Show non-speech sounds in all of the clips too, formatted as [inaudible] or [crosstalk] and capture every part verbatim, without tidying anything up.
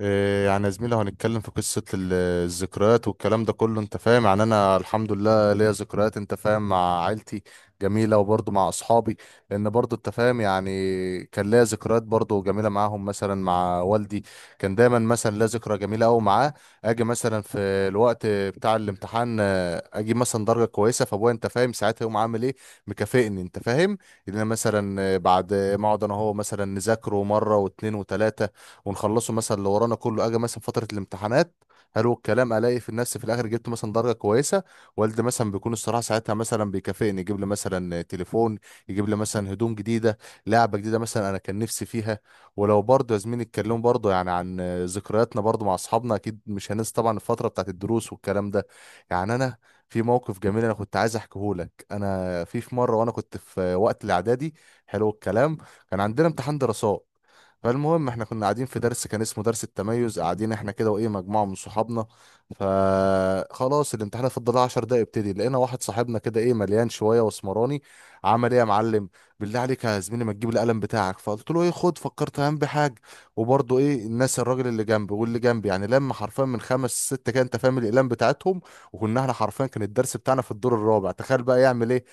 إيه، يعني يا زميلي، لو هنتكلم في قصة ال- الذكريات والكلام ده كله، انت فاهم؟ يعني انا الحمد لله ليا ذكريات، انت فاهم، مع عيلتي جميلة، وبرضه مع اصحابي. لان برضه انت فاهم يعني كان ليا ذكريات برضه جميلة معاهم، مثلا مع والدي. كان دايما مثلا ليا ذكرى جميلة قوي معاه. اجي مثلا في الوقت بتاع الامتحان، آه، اجيب مثلا درجة كويسة، فابويا انت فاهم ساعتها يقوم عامل ايه؟ مكافئني، انت فاهم، ان انا مثلا آه، بعد ما اقعد انا هو مثلا نذاكره مرة واتنين وتلاتة، ونخلصه مثلا اللي ورانا كله. اجي مثلا فتره الامتحانات، حلو الكلام، الاقي في النفس في الاخر جبت مثلا درجه كويسه. والدي مثلا بيكون الصراحه ساعتها مثلا بيكافئني، يجيب لي مثلا تليفون، يجيب لي مثلا هدوم جديده، لعبه جديده مثلا انا كان نفسي فيها. ولو برضه يا زميلي اتكلموا برضه يعني عن ذكرياتنا برضه مع اصحابنا، اكيد مش هننسى طبعا الفتره بتاعت الدروس والكلام ده. يعني انا في موقف جميل انا كنت عايز احكيه لك. انا في في مره وانا كنت في وقت الاعدادي، حلو الكلام، كان عندنا امتحان دراسات. فالمهم احنا كنا قاعدين في درس كان اسمه درس التميز، قاعدين احنا كده، وايه مجموعه من صحابنا. فخلاص الامتحان فضل عشر دقايق يبتدي، لقينا واحد صاحبنا كده ايه مليان شويه واسمراني. عمل ايه؟ يا معلم، بالله عليك يا زميلي ما تجيب القلم بتاعك. فقلت له ايه؟ خد. فكرت هم بحاجه. وبرضه ايه الناس، الراجل اللي جنبي واللي جنبي، يعني لما حرفيا من خمس ست كده انت فاهم الاقلام بتاعتهم. وكنا احنا حرفيا كان الدرس بتاعنا في الدور الرابع، تخيل بقى. يعمل ايه؟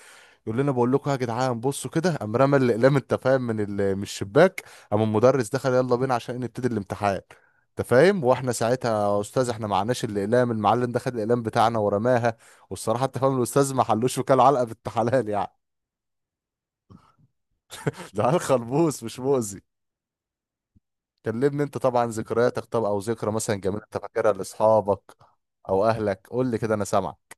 يقول لنا بقول لكم يا جدعان بصوا كده. قام رمى الاقلام، انت فاهم، من ال- من الشباك. قام المدرس دخل يلا بينا عشان نبتدي الامتحان، انت فاهم، واحنا ساعتها: يا استاذ احنا معناش الاقلام، المعلم دخل الاقلام بتاعنا ورماها. والصراحه انت فاهم الاستاذ ما حلوش، وكال علقه بنت حلال يعني. [laughs] ده عيل خلبوس مش مؤذي. كلمني انت طبعا ذكرياتك، طب او ذكرى مثلا جميله انت فاكرها لاصحابك او اهلك، قول لي كده انا سامعك.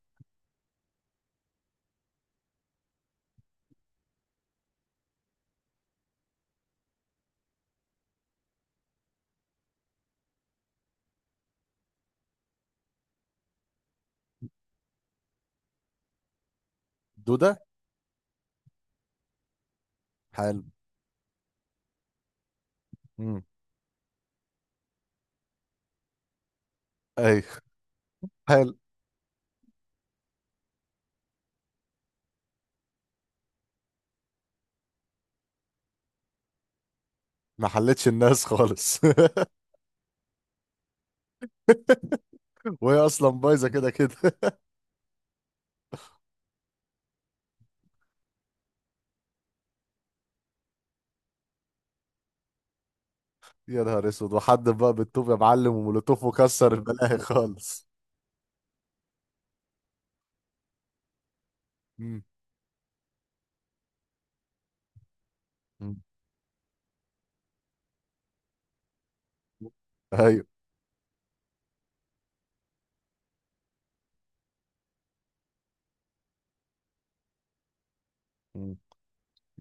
دوده. حلو. امم. ايوه. حلو. ما حلتش الناس خالص. [laughs] وهي اصلا بايظه كده كده. يا نهار اسود، وحد بقى بالطوب يا معلم ومولوتوف وكسر البلاهي خالص. مم. مم. ايوه.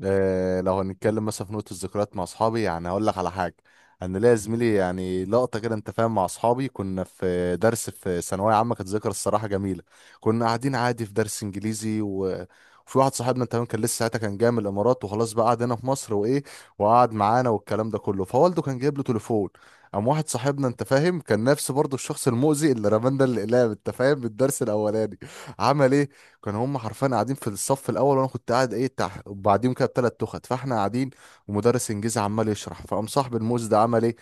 آه، لو هنتكلم مثلا في نقطة الذكريات مع أصحابي، يعني هقول لك على حاجة. أنا ليا زميلي يعني لقطة كده أنت فاهم مع أصحابي. كنا في درس في ثانوية عامة، كانت ذكرى الصراحة جميلة. كنا قاعدين عادي في درس إنجليزي و... وفي واحد صاحبنا أنت فاهم كان لسه ساعتها كان جاي من الإمارات، وخلاص بقى قعد هنا في مصر وإيه، وقعد معانا والكلام ده كله. فوالده كان جايب له تليفون. قام واحد صاحبنا انت فاهم كان نفسه برضه الشخص المؤذي اللي رمانا الاقلام، انت فاهم، بالدرس الاولاني. عمل ايه؟ كانوا هم حرفيا قاعدين في الصف الاول وانا كنت قاعد ايه تحت وبعديهم كده بتلات تخت، فاحنا قاعدين. ومدرس انجليزي عمال يشرح، فقام صاحب الموز ده عمل ايه؟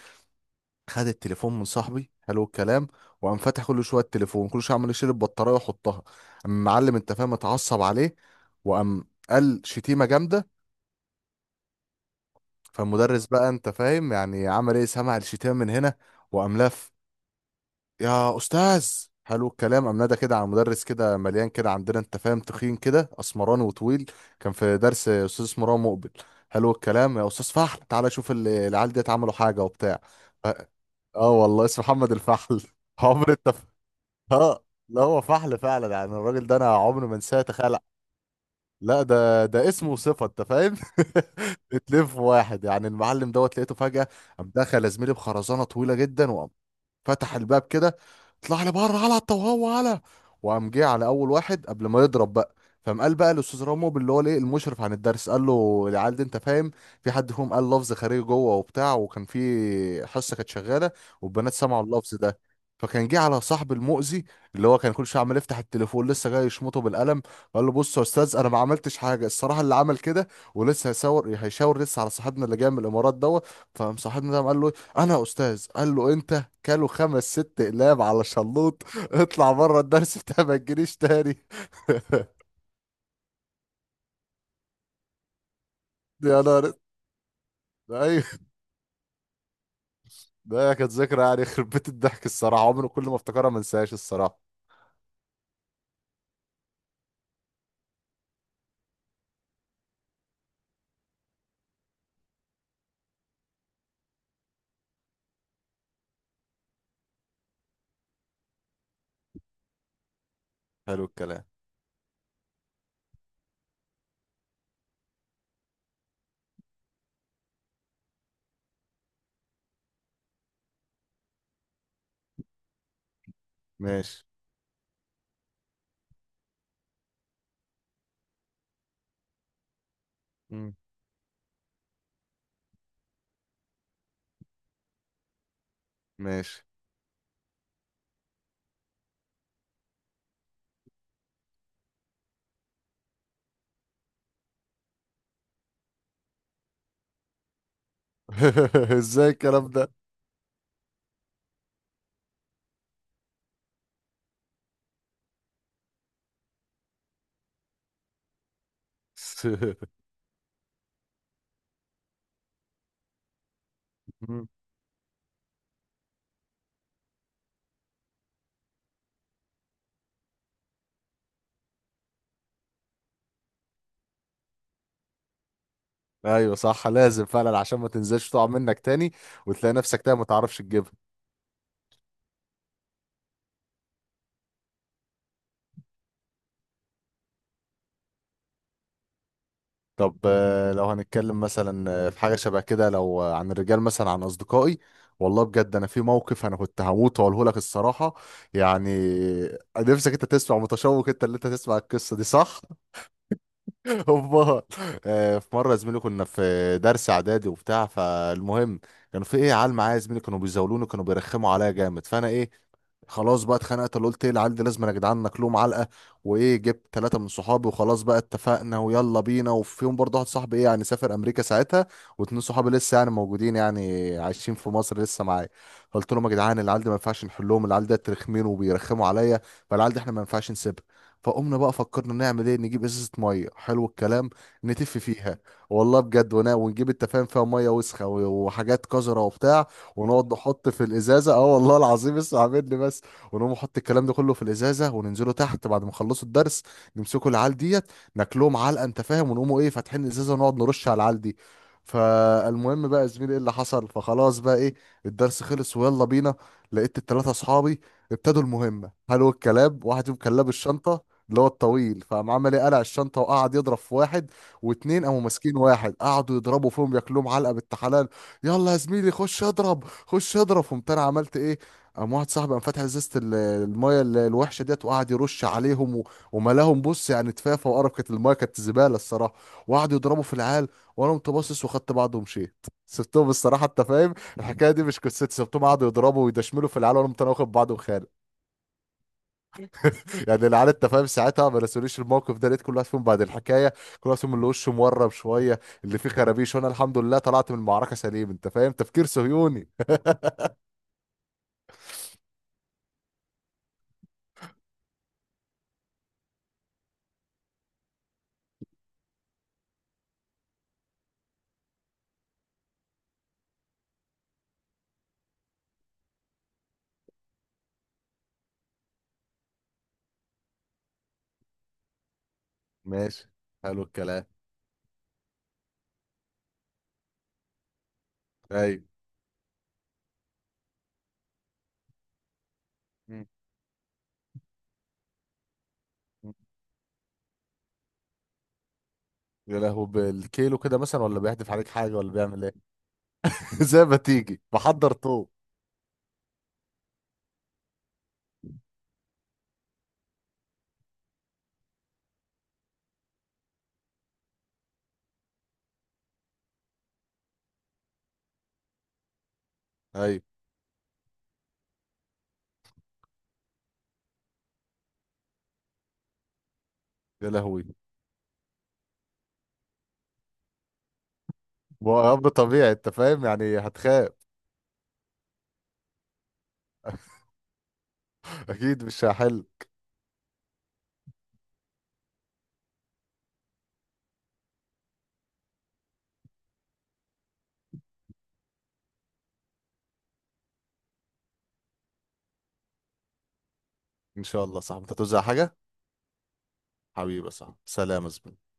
خد التليفون من صاحبي، حلو الكلام. وقام فاتح كل شويه التليفون، كل شويه عمال يشيل البطاريه ويحطها. قام المعلم انت فاهم اتعصب عليه، وقام قال شتيمه جامده. فالمدرس بقى انت فاهم يعني عمل ايه؟ سمع الشتيمه من هنا وقام لف. يا استاذ، حلو الكلام، امناده كده عن مدرس كده مليان كده عندنا انت فاهم تخين كده اسمراني وطويل. كان في درس استاذ اسمه رام مقبل، حلو الكلام. يا استاذ فحل، تعالى شوف ال- العيال ديت عملوا حاجه وبتاع. اه. آه والله اسمه محمد الفحل. [laughs] عمر انت. اه. لا، هو فحل فعلا يعني، الراجل ده انا عمري ما انساه تخيل. لا، ده ده اسمه وصفه انت فاهم. [laughs] اتنين في واحد يعني. المعلم دوت لقيته فجاه، قام دخل يا زميلي بخرزانه طويله جدا. فتح الباب كده، طلع لي بره على وهو على. وقام جه على اول واحد، قبل ما يضرب بقى، فقام قال بقى الاستاذ رامو اللي هو الايه المشرف عن الدرس، قال له العيال دي انت فاهم في حد فيهم قال لفظ خارجي جوه وبتاع، وكان في حصه كانت شغاله والبنات سمعوا اللفظ ده. فكان جه على صاحب المؤذي اللي هو كان كل شويه عمال يفتح التليفون، لسه جاي يشمطه بالقلم، قال له بص يا استاذ انا ما عملتش حاجه الصراحه، اللي عمل كده، ولسه هيشاور هيشاور لسه على صاحبنا اللي جاي من الامارات دوت. فقام صاحبنا ده قام قال له إيه، انا يا استاذ، قال له انت. كلوا خمس ست اقلام على شلوط. [laughs] اطلع بره الدرس بتاع ما تجيليش تاني. [laughs] يا نهار. ايوه. ده كانت ذكرى يعني يخرب بيت الضحك الصراحه، عمري كل ما افتكرها ما انساهاش الصراحه. حلو الكلام. ماشي. مم. ماشي. [laughs] ازاي الكلام ده؟ [laughs] مم. ايوه صح، لازم فعلا عشان ما تنزلش تقع منك تاني، وتلاقي نفسك تاني ما تعرفش تجيبها. طب آه، لو هنتكلم مثلا آه، في حاجة شبه كده، لو آه، عن الرجال مثلا عن أصدقائي، والله بجد أنا في موقف أنا كنت هموت وأقوله لك الصراحة. يعني آه، نفسك أنت تسمع متشوق أنت اللي أنت تسمع القصة دي، صح؟ [laughs] أمال. آه، في مرة يا زميلي كنا في درس إعدادي وبتاع. فالمهم كانوا في إيه عيال معايا يا زميلي كانوا بيزاولوني، كانوا بيرخموا عليا جامد. فأنا إيه، خلاص بقى اتخنقت، اللي قلت ايه، العيال دي لازم يا جدعان ناكلهم علقه. وايه، جبت ثلاثه من صحابي، وخلاص بقى اتفقنا ويلا بينا. وفيهم برضه واحد صاحبي ايه يعني سافر امريكا ساعتها، واتنين صحابي لسه يعني موجودين يعني عايشين في مصر لسه معايا. قلت لهم يا جدعان العيال دي ما ينفعش نحلهم، العيال دي رخمين وبيرخموا عليا، فالعيال دي احنا ما ينفعش نسيبها. فقمنا بقى فكرنا نعمل ايه، نجيب ازازه ميه، حلو الكلام، نتف فيها، والله بجد. ونا- ونجيب التفاهم فيها ميه وسخه وحاجات قذره وبتاع. ونقعد نحط في الازازه، اه والله العظيم اسمع مني بس. ونقوم نحط الكلام ده كله في الازازه، وننزلوا تحت بعد ما نخلصوا الدرس، نمسكوا العيال ديت، ناكلهم علقه انت فاهم، ونقوموا ايه فاتحين الازازه ونقعد نرش على العيال دي. فالمهم بقى يا زميلي ايه اللي حصل؟ فخلاص بقى ايه، الدرس خلص ويلا بينا. لقيت التلاتة اصحابي ابتدوا المهمه، حلو الكلام. واحد فيهم كان لابس الشنطه اللي هو الطويل، فقام عمل ايه؟ قلع الشنطه وقعد يضرب في واحد، واتنين قاموا ماسكين واحد قعدوا يضربوا فيهم ياكلوهم علقه بالتحالة. يلا يا زميلي خش اضرب خش اضرب، قمت انا عملت ايه؟ قام واحد صاحبي قام فاتح ازازه ال- المايه ال- الوحشه ديت وقعد يرش عليهم و- وملاهم، بص يعني تفافه وقرف، كانت المايه كانت زباله الصراحه. وقعدوا يضربوا في العيال وانا قمت باصص وخدت بعضه ومشيت. [laughs] سبتهم الصراحه انت فاهم الحكايه دي مش قصتي، سبتهم قعدوا يضربوا ويدشملوا في العيال، وانا قمت انا واخد بعضه وخارج. يعني العيال انت فاهم ساعتها ما نسوليش الموقف ده. لقيت كل واحد فيهم بعد الحكايه، كل واحد فيهم اللي وشه مورم شويه اللي فيه خرابيش، وانا الحمد لله طلعت من المعركه سليم، انت فاهم، تفكير صهيوني. ماشي. حلو الكلام. ايوه. مم. مم. يا لهو، بالكيلو كده مثلا، ولا بيحدف عليك حاجه، ولا بيعمل ايه؟ [laughs] زي ما تيجي بحضر طوب. ايوه. يا لهوي. هو امر طبيعي انت فاهم يعني هتخاف. اكيد مش هحل. ان شاء الله. صح، انت هتوزع حاجه؟ حبيبي صح، سلام يا زميلي.